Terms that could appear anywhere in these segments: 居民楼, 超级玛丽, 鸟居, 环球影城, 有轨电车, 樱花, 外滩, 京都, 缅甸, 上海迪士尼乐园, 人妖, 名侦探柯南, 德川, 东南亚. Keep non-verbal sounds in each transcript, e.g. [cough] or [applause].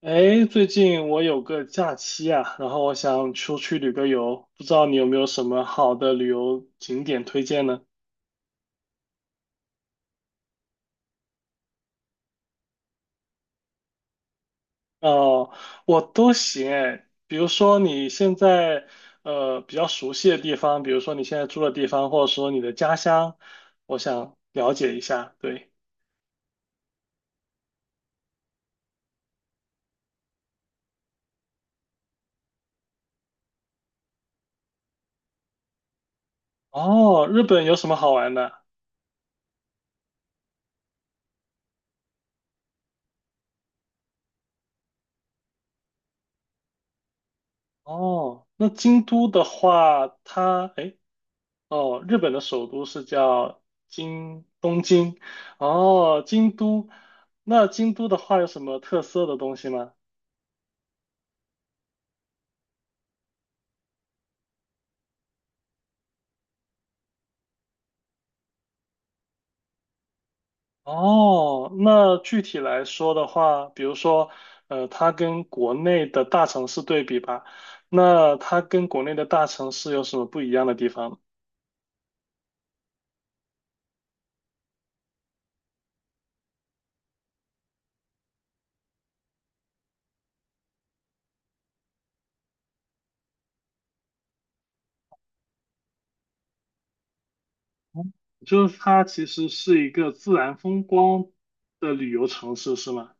哎，最近我有个假期啊，然后我想出去旅个游，不知道你有没有什么好的旅游景点推荐呢？哦，我都行哎，比如说你现在比较熟悉的地方，比如说你现在住的地方，或者说你的家乡，我想了解一下。对。哦，日本有什么好玩的？哦，那京都的话，它哎诶哦，日本的首都是叫东京，哦，京都，那京都的话有什么特色的东西吗？哦，那具体来说的话，比如说，它跟国内的大城市对比吧，那它跟国内的大城市有什么不一样的地方呢。就是它其实是一个自然风光的旅游城市，是吗？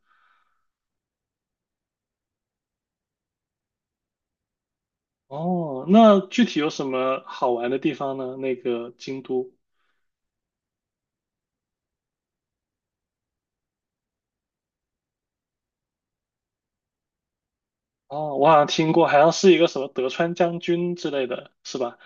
哦，那具体有什么好玩的地方呢？那个京都。哦，我好像听过，好像是一个什么德川将军之类的，是吧？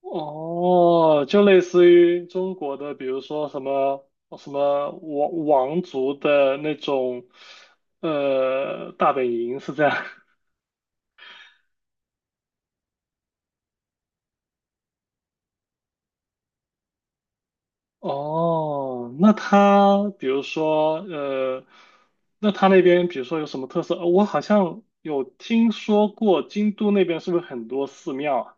哦，就类似于中国的，比如说什么什么王族的那种，大本营是这样。哦，那他比如说，那边比如说有什么特色？我好像有听说过，京都那边是不是很多寺庙啊？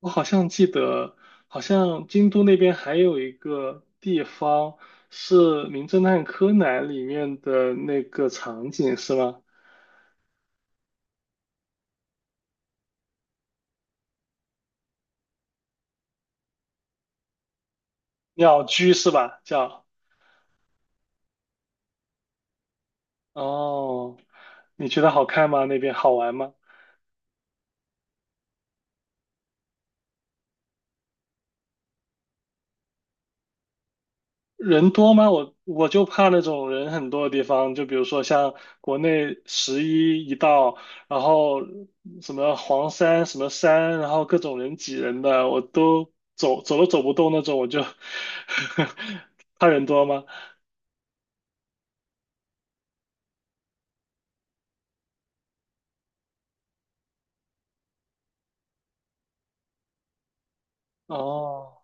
我好像记得，好像京都那边还有一个地方是《名侦探柯南》里面的那个场景，是吗？鸟居是吧？叫。哦，你觉得好看吗？那边好玩吗？人多吗？我就怕那种人很多的地方，就比如说像国内十一一到，然后什么黄山什么山，然后各种人挤人的，我都走都走不动那种，我就 [laughs] 怕人多吗？哦，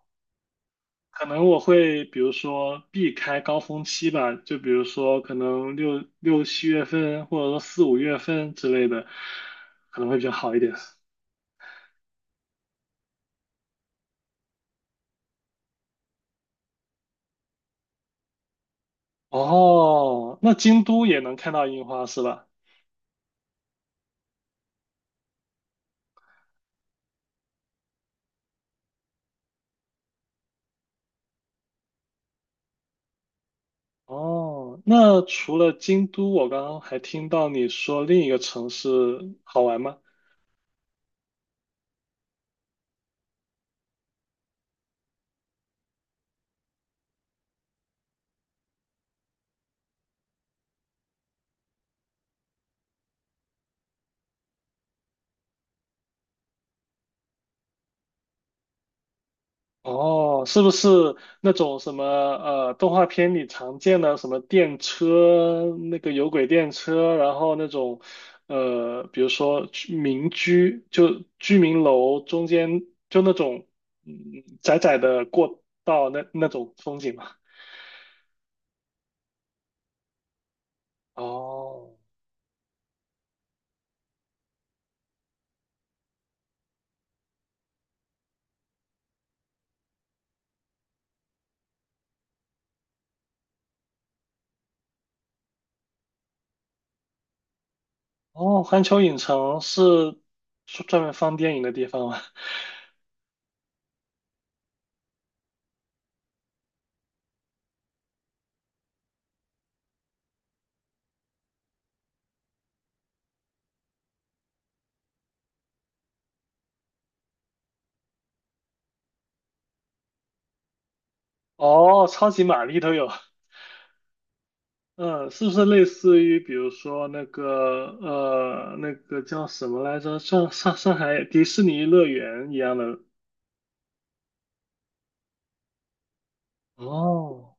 可能我会比如说避开高峰期吧，就比如说可能六七月份，或者说四五月份之类的，可能会比较好一点。哦，那京都也能看到樱花是吧？哦，那除了京都，我刚刚还听到你说另一个城市好玩吗？哦，是不是那种什么动画片里常见的什么电车，那个有轨电车，然后那种呃，比如说居民居，就居民楼中间就那种嗯窄窄的过道那种风景嘛？哦。哦，环球影城是专门放电影的地方吗？[laughs] 哦，超级玛丽都有。嗯，是不是类似于比如说那个那个叫什么来着？上海迪士尼乐园一样的？哦，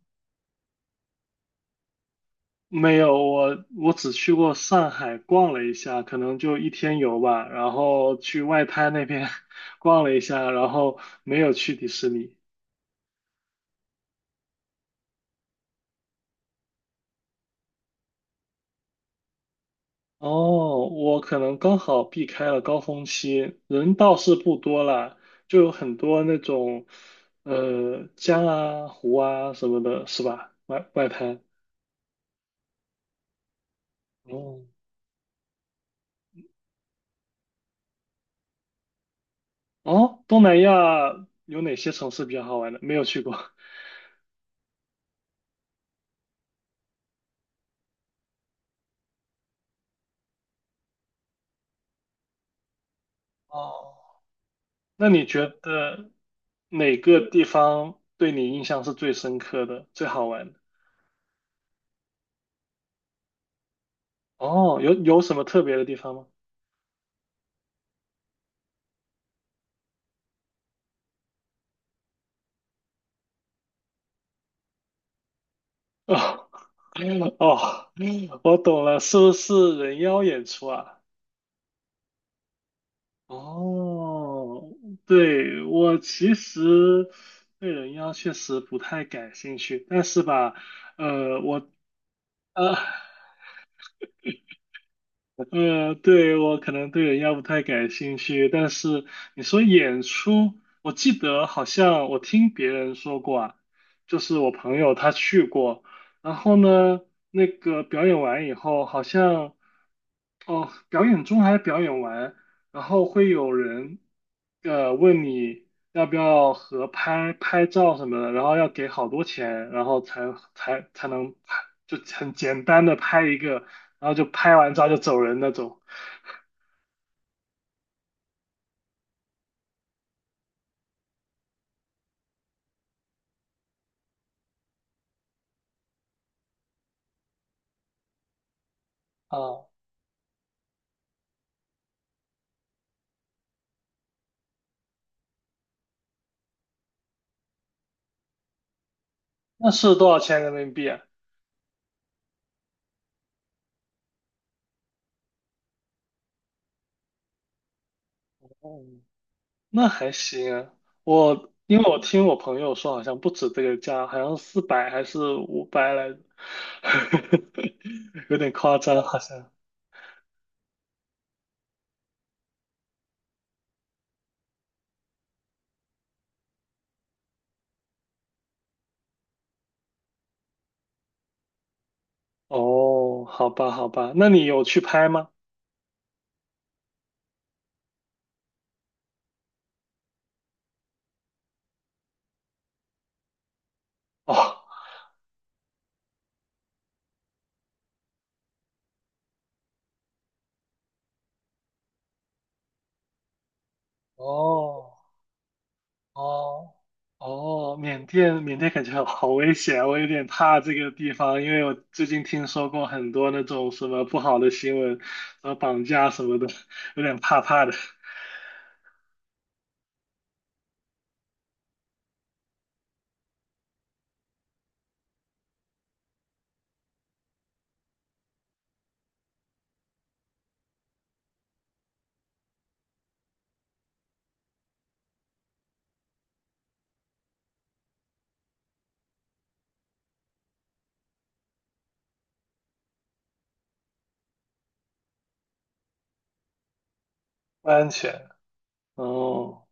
没有，我只去过上海逛了一下，可能就一天游吧，然后去外滩那边 [laughs] 逛了一下，然后没有去迪士尼。哦，我可能刚好避开了高峰期，人倒是不多啦，就有很多那种，江啊、湖啊什么的，是吧？外滩。哦哦，东南亚有哪些城市比较好玩的？没有去过。[laughs] 哦，那你觉得哪个地方对你印象是最深刻的、最好玩的？哦，有什么特别的地方吗？[laughs] 哦哦，我懂了，是不是人妖演出啊？哦，对，我其实对人妖确实不太感兴趣，但是吧，呃，我呃对，我可能对人妖不太感兴趣，但是你说演出，我记得好像我听别人说过啊，就是我朋友他去过，然后呢，那个表演完以后，好像。哦，表演中还是表演完，然后会有人问你要不要合拍拍照什么的，然后要给好多钱，然后才能拍，就很简单的拍一个，然后就拍完照就走人那种。哦，那是多少钱人民币啊？哦，那还行啊。我因为我听我朋友说，好像不止这个价，好像400还是500来着，[laughs] 有点夸张，好像。哦，好吧，好吧，那你有去拍吗？哦，哦，哦，哦，缅甸，缅甸感觉好危险，我有点怕这个地方，因为我最近听说过很多那种什么不好的新闻，什么绑架什么的，有点怕怕的，不安全。哦，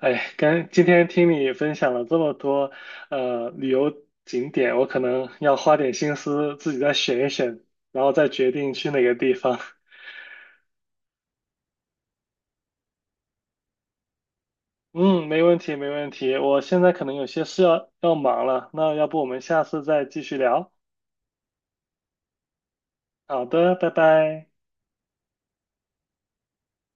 哎，刚今天听你分享了这么多旅游景点，我可能要花点心思自己再选一选，然后再决定去哪个地方。嗯，没问题，没问题。我现在可能有些事要忙了，那要不我们下次再继续聊？好的，拜拜。